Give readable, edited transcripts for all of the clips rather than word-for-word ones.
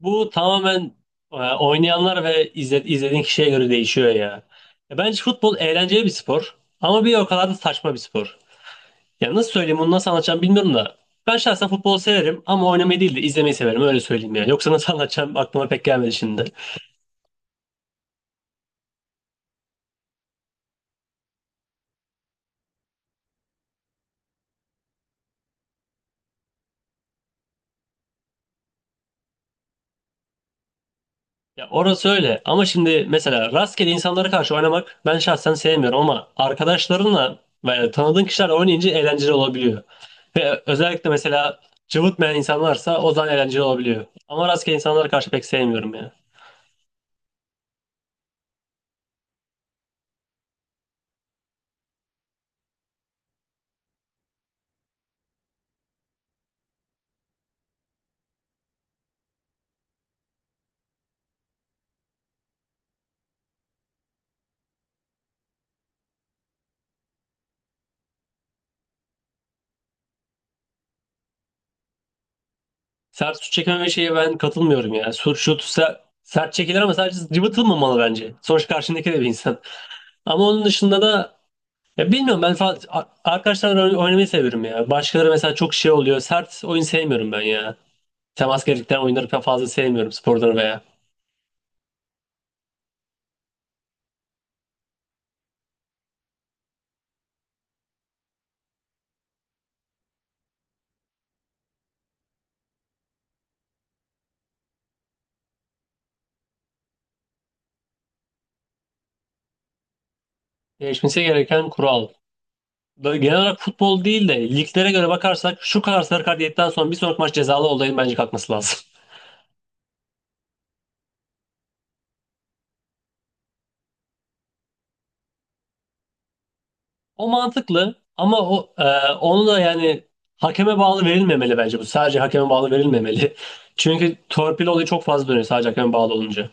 Bu tamamen oynayanlar ve izlediğin kişiye göre değişiyor ya. Bence futbol eğlenceli bir spor ama bir o kadar da saçma bir spor. Ya nasıl söyleyeyim bunu nasıl anlatacağım bilmiyorum da. Ben şahsen futbolu severim ama oynamayı değil de izlemeyi severim öyle söyleyeyim ya. Yoksa nasıl anlatacağım aklıma pek gelmedi şimdi. Ya orası öyle ama şimdi mesela rastgele insanlara karşı oynamak ben şahsen sevmiyorum ama arkadaşlarınla ve tanıdığın kişilerle oynayınca eğlenceli olabiliyor. Ve özellikle mesela cıvıtmayan insanlarsa o zaman eğlenceli olabiliyor. Ama rastgele insanlara karşı pek sevmiyorum ya. Sert şut çekmeme şeye ben katılmıyorum ya. Sert çekilir ama sadece cıvıtılmamalı bence. Sonuçta karşındaki de bir insan. Ama onun dışında da ya bilmiyorum ben arkadaşlarla oynamayı seviyorum ya. Başkaları mesela çok şey oluyor. Sert oyun sevmiyorum ben ya. Temas gerektiren oyunları pek fazla sevmiyorum sporları veya. Değişmesi gereken kural. Böyle genel olarak futbol değil de liglere göre bakarsak şu kadar sarı kart yedikten sonra bir sonraki maç cezalı olayın bence kalkması lazım. O mantıklı ama o onu da yani hakeme bağlı verilmemeli bence bu. Sadece hakeme bağlı verilmemeli. Çünkü torpil olayı çok fazla dönüyor sadece hakeme bağlı olunca.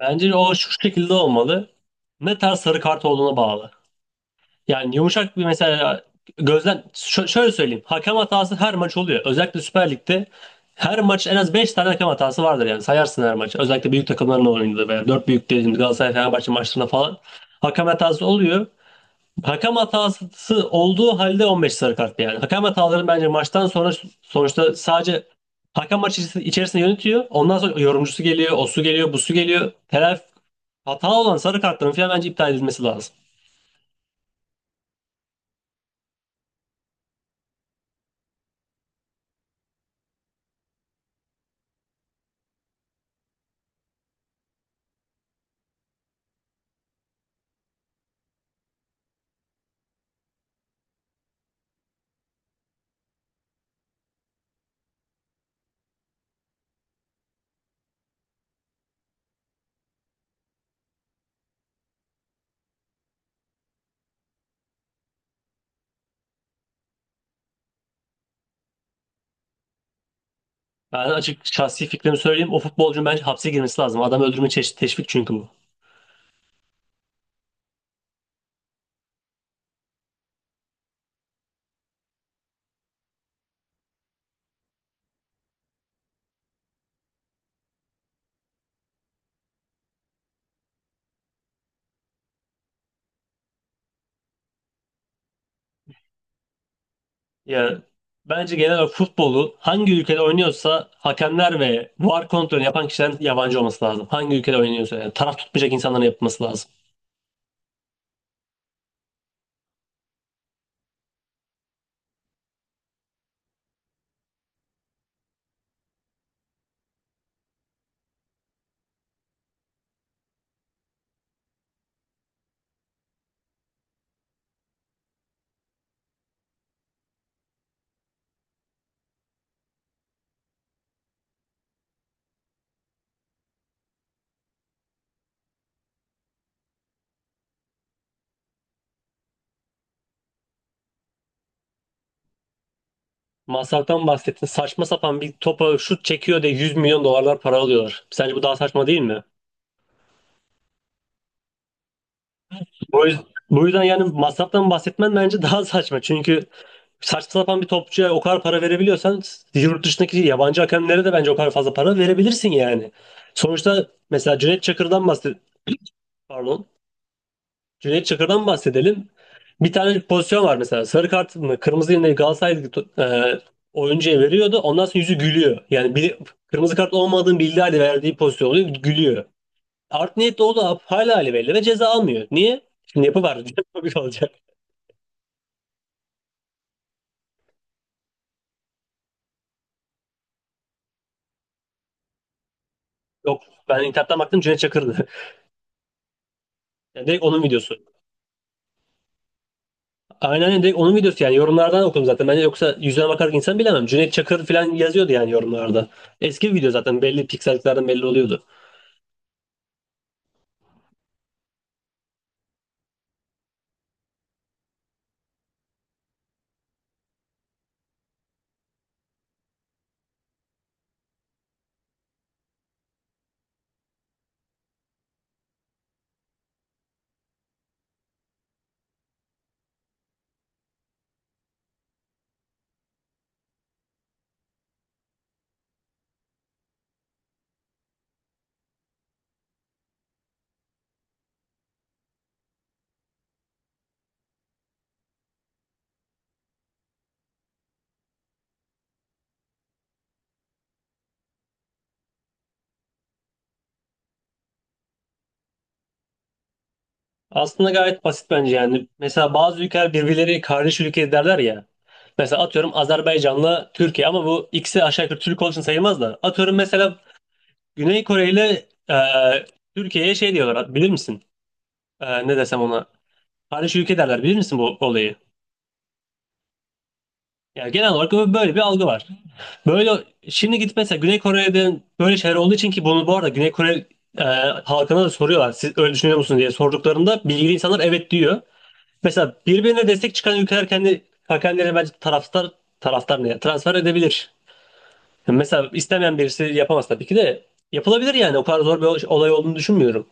Bence o şu şekilde olmalı. Ne tarz sarı kart olduğuna bağlı. Yani yumuşak bir mesela gözlem şöyle söyleyeyim. Hakem hatası her maç oluyor. Özellikle Süper Lig'de her maç en az 5 tane hakem hatası vardır yani. Sayarsın her maç. Özellikle büyük takımların oynadığı veya 4 büyük dediğimiz Galatasaray Fenerbahçe maçlarında falan hakem hatası oluyor. Hakem hatası olduğu halde 15 sarı kart yani. Hakem hataları bence maçtan sonra sonuçta sadece hakem maç içerisinde yönetiyor. Ondan sonra yorumcusu geliyor, o su geliyor, bu su geliyor. Telafi hata olan sarı kartların falan bence iptal edilmesi lazım. Ben açık şahsi fikrimi söyleyeyim. O futbolcunun bence hapse girmesi lazım. Adam öldürme çeşit teşvik çünkü bu. Ya bence genel olarak futbolu hangi ülkede oynuyorsa hakemler ve VAR kontrolünü yapan kişilerin yabancı olması lazım. Hangi ülkede oynuyorsa yani taraf tutmayacak insanların yapması lazım. Masraftan bahsettin. Saçma sapan bir topa şut çekiyor diye 100 milyon dolarlar para alıyorlar. Sence bu daha saçma değil mi? Bu yüzden, bu yüzden yani masraftan bahsetmen bence daha saçma. Çünkü saçma sapan bir topçuya o kadar para verebiliyorsan yurt dışındaki yabancı hakemlere de bence o kadar fazla para verebilirsin yani. Sonuçta mesela Cüneyt Çakır'dan bahset pardon. Cüneyt Çakır'dan bahsedelim. Bir tane pozisyon var mesela. Sarı kart mı kırmızı yine Galatasaray e, oyuncuya veriyordu. Ondan sonra yüzü gülüyor. Yani bir, kırmızı kart olmadığını bildiği halde verdiği pozisyon oluyor. Gülüyor. Art niyetli o da hala hali belli ve ceza almıyor. Niye? Şimdi yapı var. Yapı bir olacak. Yok, ben internetten baktım Cüneyt Çakır'dı. Yani direkt onun videosu. Aynen öyle. Direkt onun videosu yani yorumlardan okudum zaten. Bence yoksa yüzüne bakarak insan bilemem. Cüneyt Çakır falan yazıyordu yani yorumlarda. Eski bir video zaten belli pikselliklerden belli oluyordu. Aslında gayet basit bence yani. Mesela bazı ülkeler birbirleri kardeş ülke derler ya. Mesela atıyorum Azerbaycan'la Türkiye ama bu ikisi aşağı yukarı Türk olduğu için sayılmaz da. Atıyorum mesela Güney Kore ile Türkiye'ye şey diyorlar bilir misin? Ne desem ona? Kardeş ülke derler bilir misin bu olayı? Yani genel olarak böyle bir algı var. Böyle şimdi gidip mesela Güney Kore'den böyle şeyler olduğu için ki bunu bu arada Güney Kore e, halkına da soruyorlar. Siz öyle düşünüyor musunuz diye sorduklarında bilgili insanlar evet diyor. Mesela birbirine destek çıkan ülkeler kendi kendilerine bence taraftar taraftar ne ya? Transfer edebilir. Yani mesela istemeyen birisi yapamaz tabii ki de yapılabilir yani. O kadar zor bir olay olduğunu düşünmüyorum.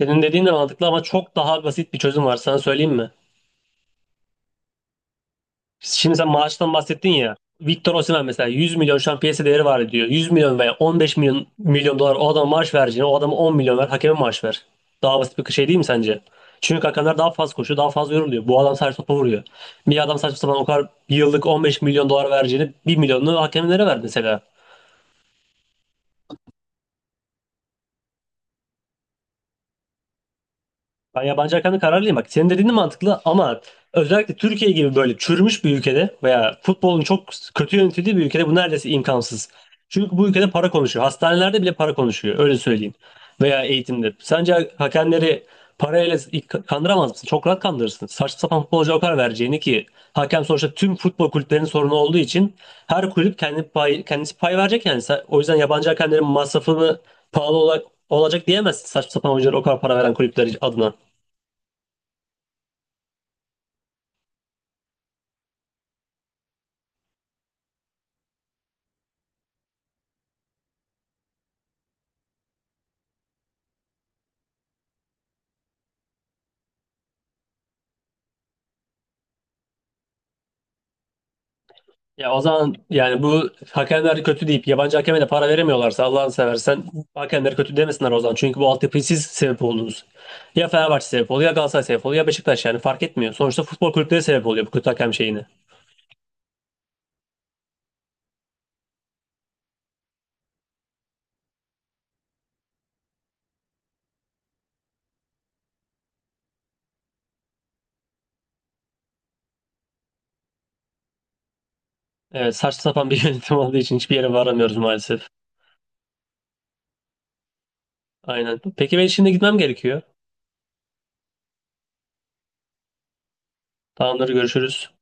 Senin dediğin de mantıklı ama çok daha basit bir çözüm var. Sana söyleyeyim mi? Şimdi sen maaştan bahsettin ya. Victor Osimhen mesela 100 milyon şu an piyasa değeri var diyor. 100 milyon veya 15 milyon dolar o adama maaş vereceğine o adama 10 milyon ver hakeme maaş ver. Daha basit bir şey değil mi sence? Çünkü hakemler daha fazla koşuyor, daha fazla yoruluyor. Bu adam sadece topa vuruyor. Bir adam saçma sapan o kadar yıllık 15 milyon dolar vereceğini 1 milyonunu hakemlere ver mesela. Ben yabancı hakkında kararlıyım. Bak senin dediğin de mantıklı ama özellikle Türkiye gibi böyle çürümüş bir ülkede veya futbolun çok kötü yönetildiği bir ülkede bu neredeyse imkansız. Çünkü bu ülkede para konuşuyor. Hastanelerde bile para konuşuyor. Öyle söyleyeyim. Veya eğitimde. Sence hakemleri parayla kandıramaz mısın? Çok rahat kandırırsın. Saçma sapan futbolcuya o kadar vereceğini ki hakem sonuçta tüm futbol kulüplerinin sorunu olduğu için her kulüp kendi pay, kendisi pay verecek yani. O yüzden yabancı hakemlerin masrafını pahalı olarak olacak diyemezsin saçma sapan oyunculara o kadar para veren kulüpler adına. Ya o zaman yani bu hakemler kötü deyip yabancı hakeme de para veremiyorlarsa Allah'ını seversen hakemleri kötü demesinler o zaman. Çünkü bu altyapıyı siz sebep oldunuz. Ya Fenerbahçe sebep oluyor, ya Galatasaray sebep oluyor, ya Beşiktaş yani fark etmiyor. Sonuçta futbol kulüpleri sebep oluyor bu kötü hakem şeyini. Evet, saçma sapan bir yönetim olduğu için hiçbir yere varamıyoruz maalesef. Aynen. Peki ben şimdi gitmem gerekiyor. Tamamdır, görüşürüz.